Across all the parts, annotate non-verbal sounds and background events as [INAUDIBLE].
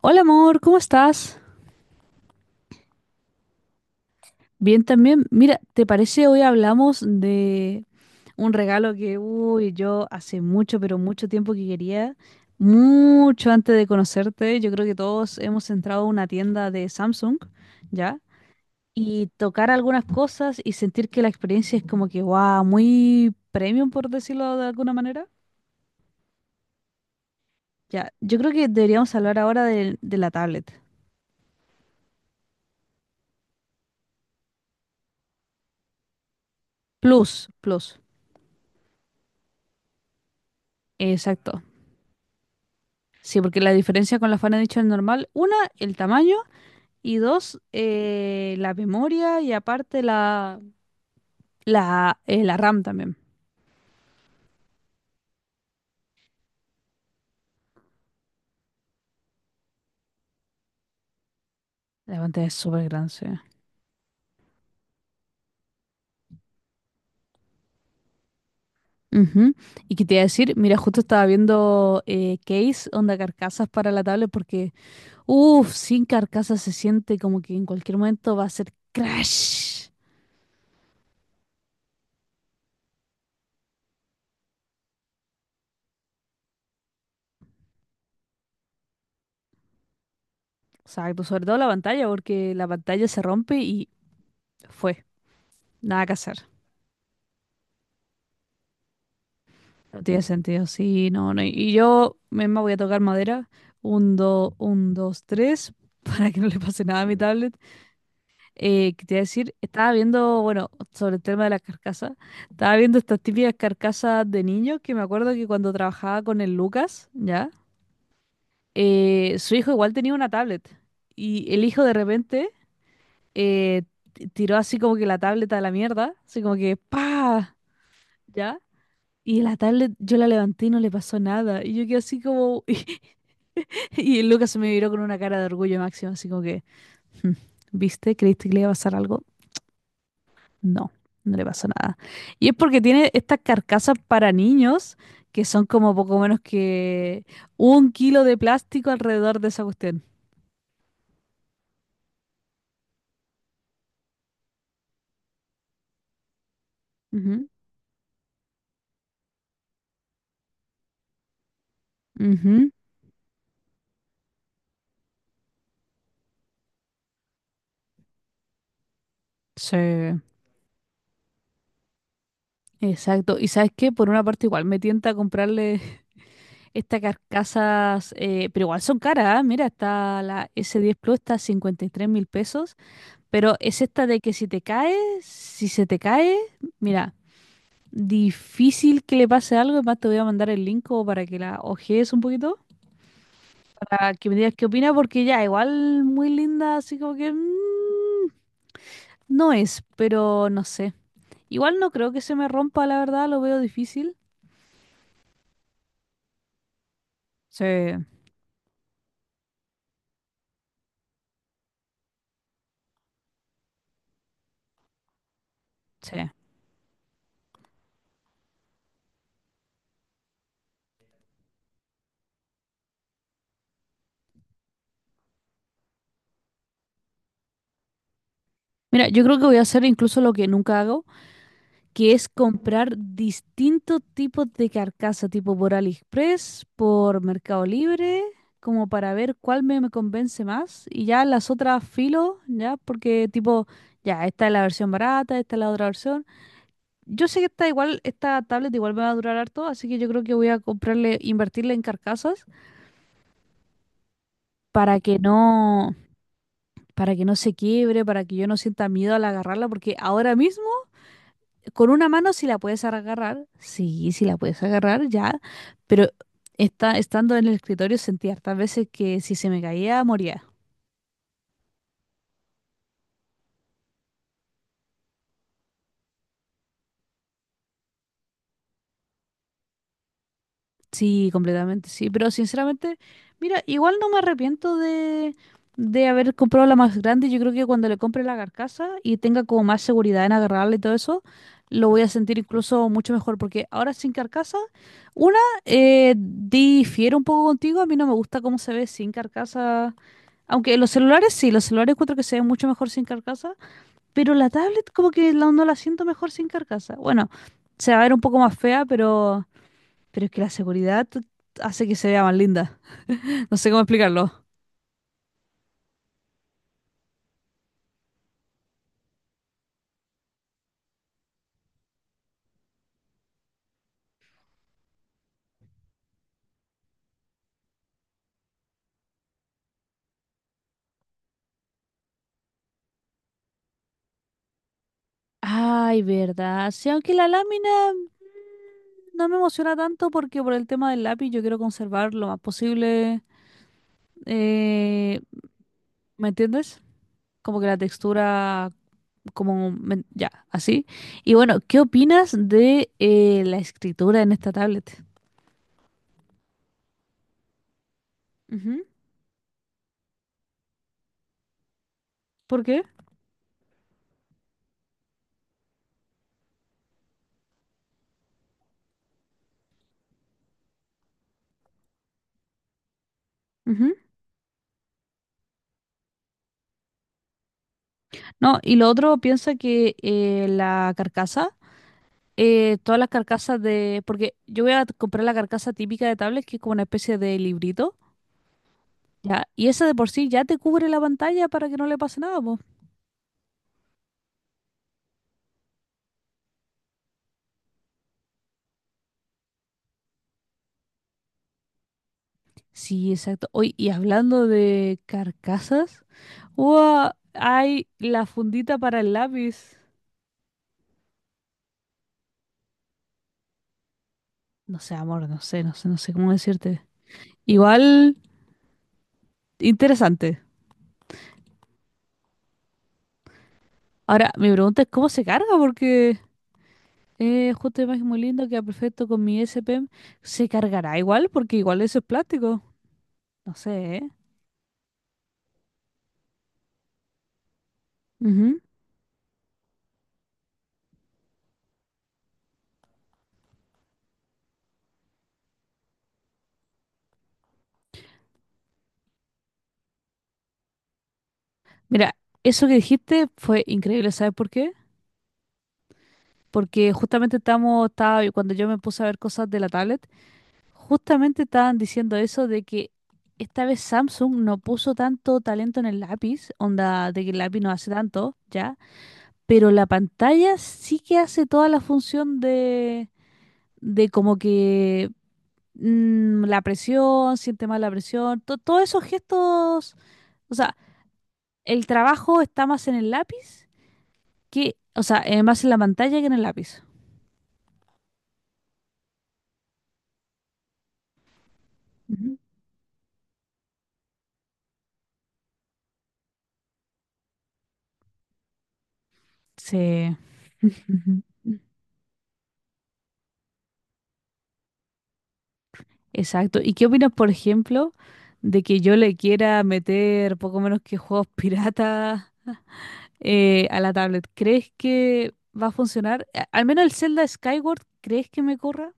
Hola amor, ¿cómo estás? Bien también. Mira, ¿te parece hoy hablamos de un regalo que, uy, yo hace mucho, pero mucho tiempo que quería, mucho antes de conocerte, yo creo que todos hemos entrado a una tienda de Samsung, ¿ya? Y tocar algunas cosas y sentir que la experiencia es como que, wow, muy premium, por decirlo de alguna manera. Ya, yo creo que deberíamos hablar ahora de la tablet. Plus, plus. Exacto. Sí, porque la diferencia con la Fan Edition normal, una, el tamaño y dos, la memoria y aparte la RAM también. La pantalla es súper grande. Sí. Ujú. Y que te iba a decir, mira, justo estaba viendo case, onda carcasas para la tablet porque, uff, sin carcasas se siente como que en cualquier momento va a ser crash. Exacto, sobre todo la pantalla porque la pantalla se rompe y fue, nada que hacer. No tiene sentido, sí, no, no. Y yo misma voy a tocar madera. Un, dos, tres, [LAUGHS] para que no le pase nada a mi tablet. Que te iba a decir, estaba viendo, bueno, sobre el tema de las carcasas, estaba viendo estas típicas carcasas de niños que me acuerdo que cuando trabajaba con el Lucas, ¿ya? Su hijo igual tenía una tablet. Y el hijo de repente eh, tiró así como que la tablet a la mierda, así como que ¡pa! ¿Ya? Y en la tablet yo la levanté y no le pasó nada. Y yo quedé así como... [LAUGHS] Y el Lucas se me miró con una cara de orgullo máximo, así como que... "Hmm, ¿viste? ¿Creíste que le iba a pasar algo? No, no le pasó nada. Y es porque tiene estas carcasas para niños que son como poco menos que un kilo de plástico alrededor de esa cuestión. Ujú, ujú, sí, exacto. ¿Y sabes qué? Por una parte igual me tienta a comprarle estas carcasas, pero igual son caras, ¿ah? Mira, está la S10 Plus, está a 53.000 pesos, pero es esta de que si te caes, si se te cae, mira, difícil que le pase algo, además te voy a mandar el link como para que la ojees un poquito, para que me digas qué opinas, porque ya, igual muy linda, así como que no es, pero no sé. Igual no creo que se me rompa, la verdad, lo veo difícil. Sí, sí. Mira, yo creo que voy a hacer incluso lo que nunca hago, que es comprar distintos tipos de carcasa, tipo por AliExpress, por Mercado Libre, como para ver cuál me convence más. Y ya las otras filo, ya, porque tipo, ya, esta es la versión barata, esta es la otra versión. Yo sé que esta igual, esta tablet igual me va a durar harto, así que yo creo que voy a comprarle, invertirle en carcasas para que no, para que no se quiebre, para que yo no sienta miedo al agarrarla, porque ahora mismo con una mano sí la puedes agarrar, sí, sí la puedes agarrar, ya, pero estando en el escritorio sentí hartas veces que si se me caía, moría. Sí, completamente, sí, pero sinceramente, mira, igual no me arrepiento de haber comprado la más grande. Yo creo que cuando le compre la carcasa y tenga como más seguridad en agarrarla y todo eso, lo voy a sentir incluso mucho mejor, porque ahora sin carcasa, una, difiero un poco contigo, a mí no me gusta cómo se ve sin carcasa. Aunque los celulares sí, los celulares encuentro que se ven mucho mejor sin carcasa, pero la tablet como que no la siento mejor sin carcasa. Bueno, se va a ver un poco más fea, pero es que la seguridad hace que se vea más linda. [LAUGHS] No sé cómo explicarlo. Ay, verdad. Sí, aunque la lámina no me emociona tanto porque por el tema del lápiz yo quiero conservar lo más posible. eh, ¿me entiendes? Como que la textura, como ya, así. Y bueno, ¿qué opinas de la escritura en esta tablet? Ujú. ¿Por qué? Ujú. No, y lo otro piensa que la carcasa, todas las carcasas de... Porque yo voy a comprar la carcasa típica de tablet, que es como una especie de librito, ¿ya? Y esa de por sí ya te cubre la pantalla para que no le pase nada, po. Sí, exacto. Hoy, y hablando de carcasas, ¡Guau! Hay la fundita para el lápiz. No sé, amor, no sé, no sé, no sé cómo decirte. Igual, interesante. Ahora, mi pregunta es cómo se carga, porque... Justo imagen muy lindo, queda perfecto con mi SPM. Se cargará igual, porque igual eso es plástico. No sé, ¿eh? Ujú. Mira, eso que dijiste fue increíble, ¿sabes por qué? Porque justamente estaba, cuando yo me puse a ver cosas de la tablet, justamente estaban diciendo eso de que esta vez Samsung no puso tanto talento en el lápiz, onda de que el lápiz no hace tanto, ¿ya? Pero la pantalla sí que hace toda la función de como que la presión, siente más la presión, todos esos gestos, o sea, el trabajo está más en el lápiz que, o sea, más en la pantalla que en el lápiz. Ujú. Sí. Ujú. Exacto. ¿Y qué opinas, por ejemplo, de que yo le quiera meter poco menos que juegos [LAUGHS] piratas a la tablet? ¿Crees que va a funcionar? Al menos el Zelda Skyward, ¿crees que me corra?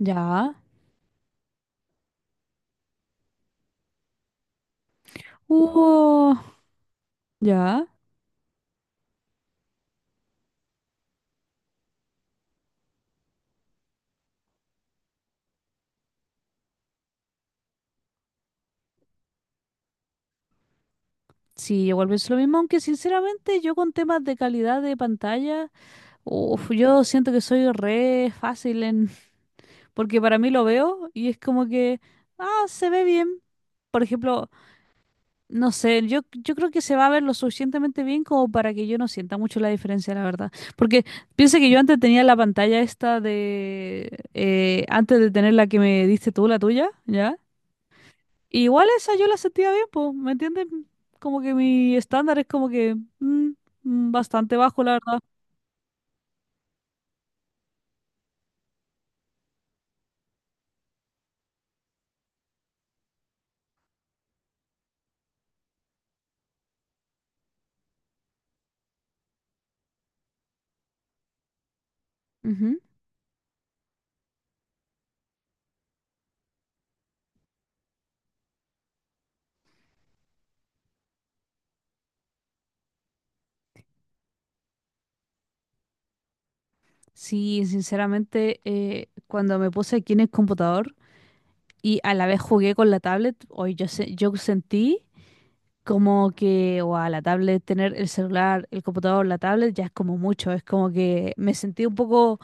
Ya. Uh, ya. Sí, igual pienso lo mismo, aunque sinceramente yo con temas de calidad de pantalla, uf, yo siento que soy re fácil en, [LAUGHS] porque para mí lo veo y es como que, ah, se ve bien. Por ejemplo, no sé, yo creo que se va a ver lo suficientemente bien como para que yo no sienta mucho la diferencia, la verdad. Porque piensa que yo antes tenía la pantalla esta antes de tener la que me diste tú, la tuya, ¿ya? Igual esa yo la sentía bien, pues, ¿me entiendes? Como que mi estándar es como que bastante bajo, la verdad. Ujú. Sí, sinceramente, cuando me puse aquí en el computador y a la vez jugué con la tablet, hoy yo, yo sentí como que, a la tablet, tener el celular, el computador, la tablet, ya es como mucho, es como que me sentí un poco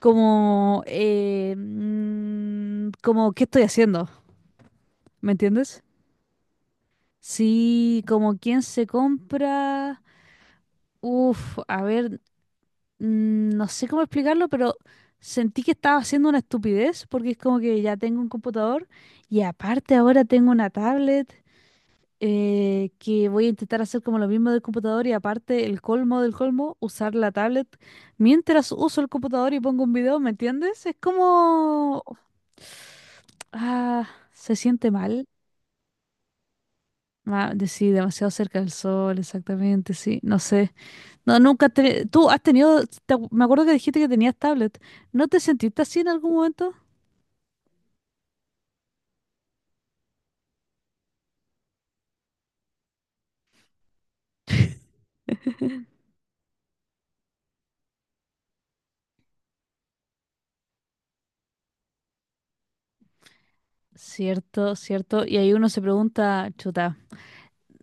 como, como, ¿qué estoy haciendo? ¿Me entiendes? Sí, como quien se compra. Uf, a ver, no sé cómo explicarlo, pero sentí que estaba haciendo una estupidez porque es como que ya tengo un computador y aparte ahora tengo una tablet que voy a intentar hacer como lo mismo del computador y aparte el colmo del colmo, usar la tablet mientras uso el computador y pongo un video, ¿me entiendes? Es como... Ah, se siente mal. Ah, sí, demasiado cerca del sol, exactamente, sí, no sé. No, nunca te... Tú has tenido... me acuerdo que dijiste que tenías tablet. ¿No te sentiste así en algún momento? Cierto, cierto. Y ahí uno se pregunta, chuta.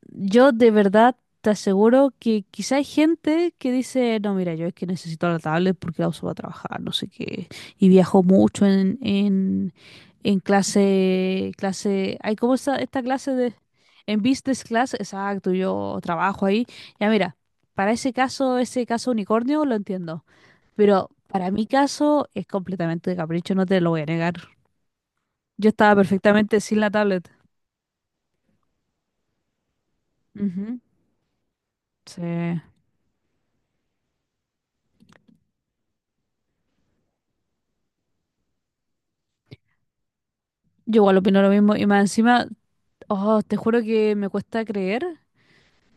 Yo de verdad te aseguro que quizá hay gente que dice, no, mira, yo es que necesito la tablet porque la uso para trabajar, no sé qué, y viajo mucho en clase, clase, hay como esta clase de, en business class, exacto, yo trabajo ahí, ya mira, para ese caso unicornio lo entiendo, pero para mi caso es completamente de capricho, no te lo voy a negar. Yo estaba perfectamente sin la tablet. Ujú. Sí. Yo igual opino lo mismo. Y más encima, oh, te juro que me cuesta creer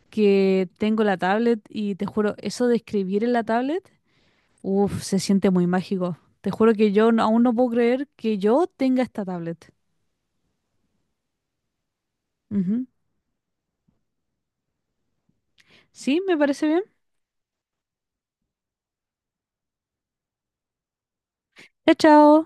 que tengo la tablet y te juro, eso de escribir en la tablet, uff, se siente muy mágico. Te juro que yo no- aún no puedo creer que yo tenga esta tablet. Ujú. Sí, me parece bien. Chao, chao.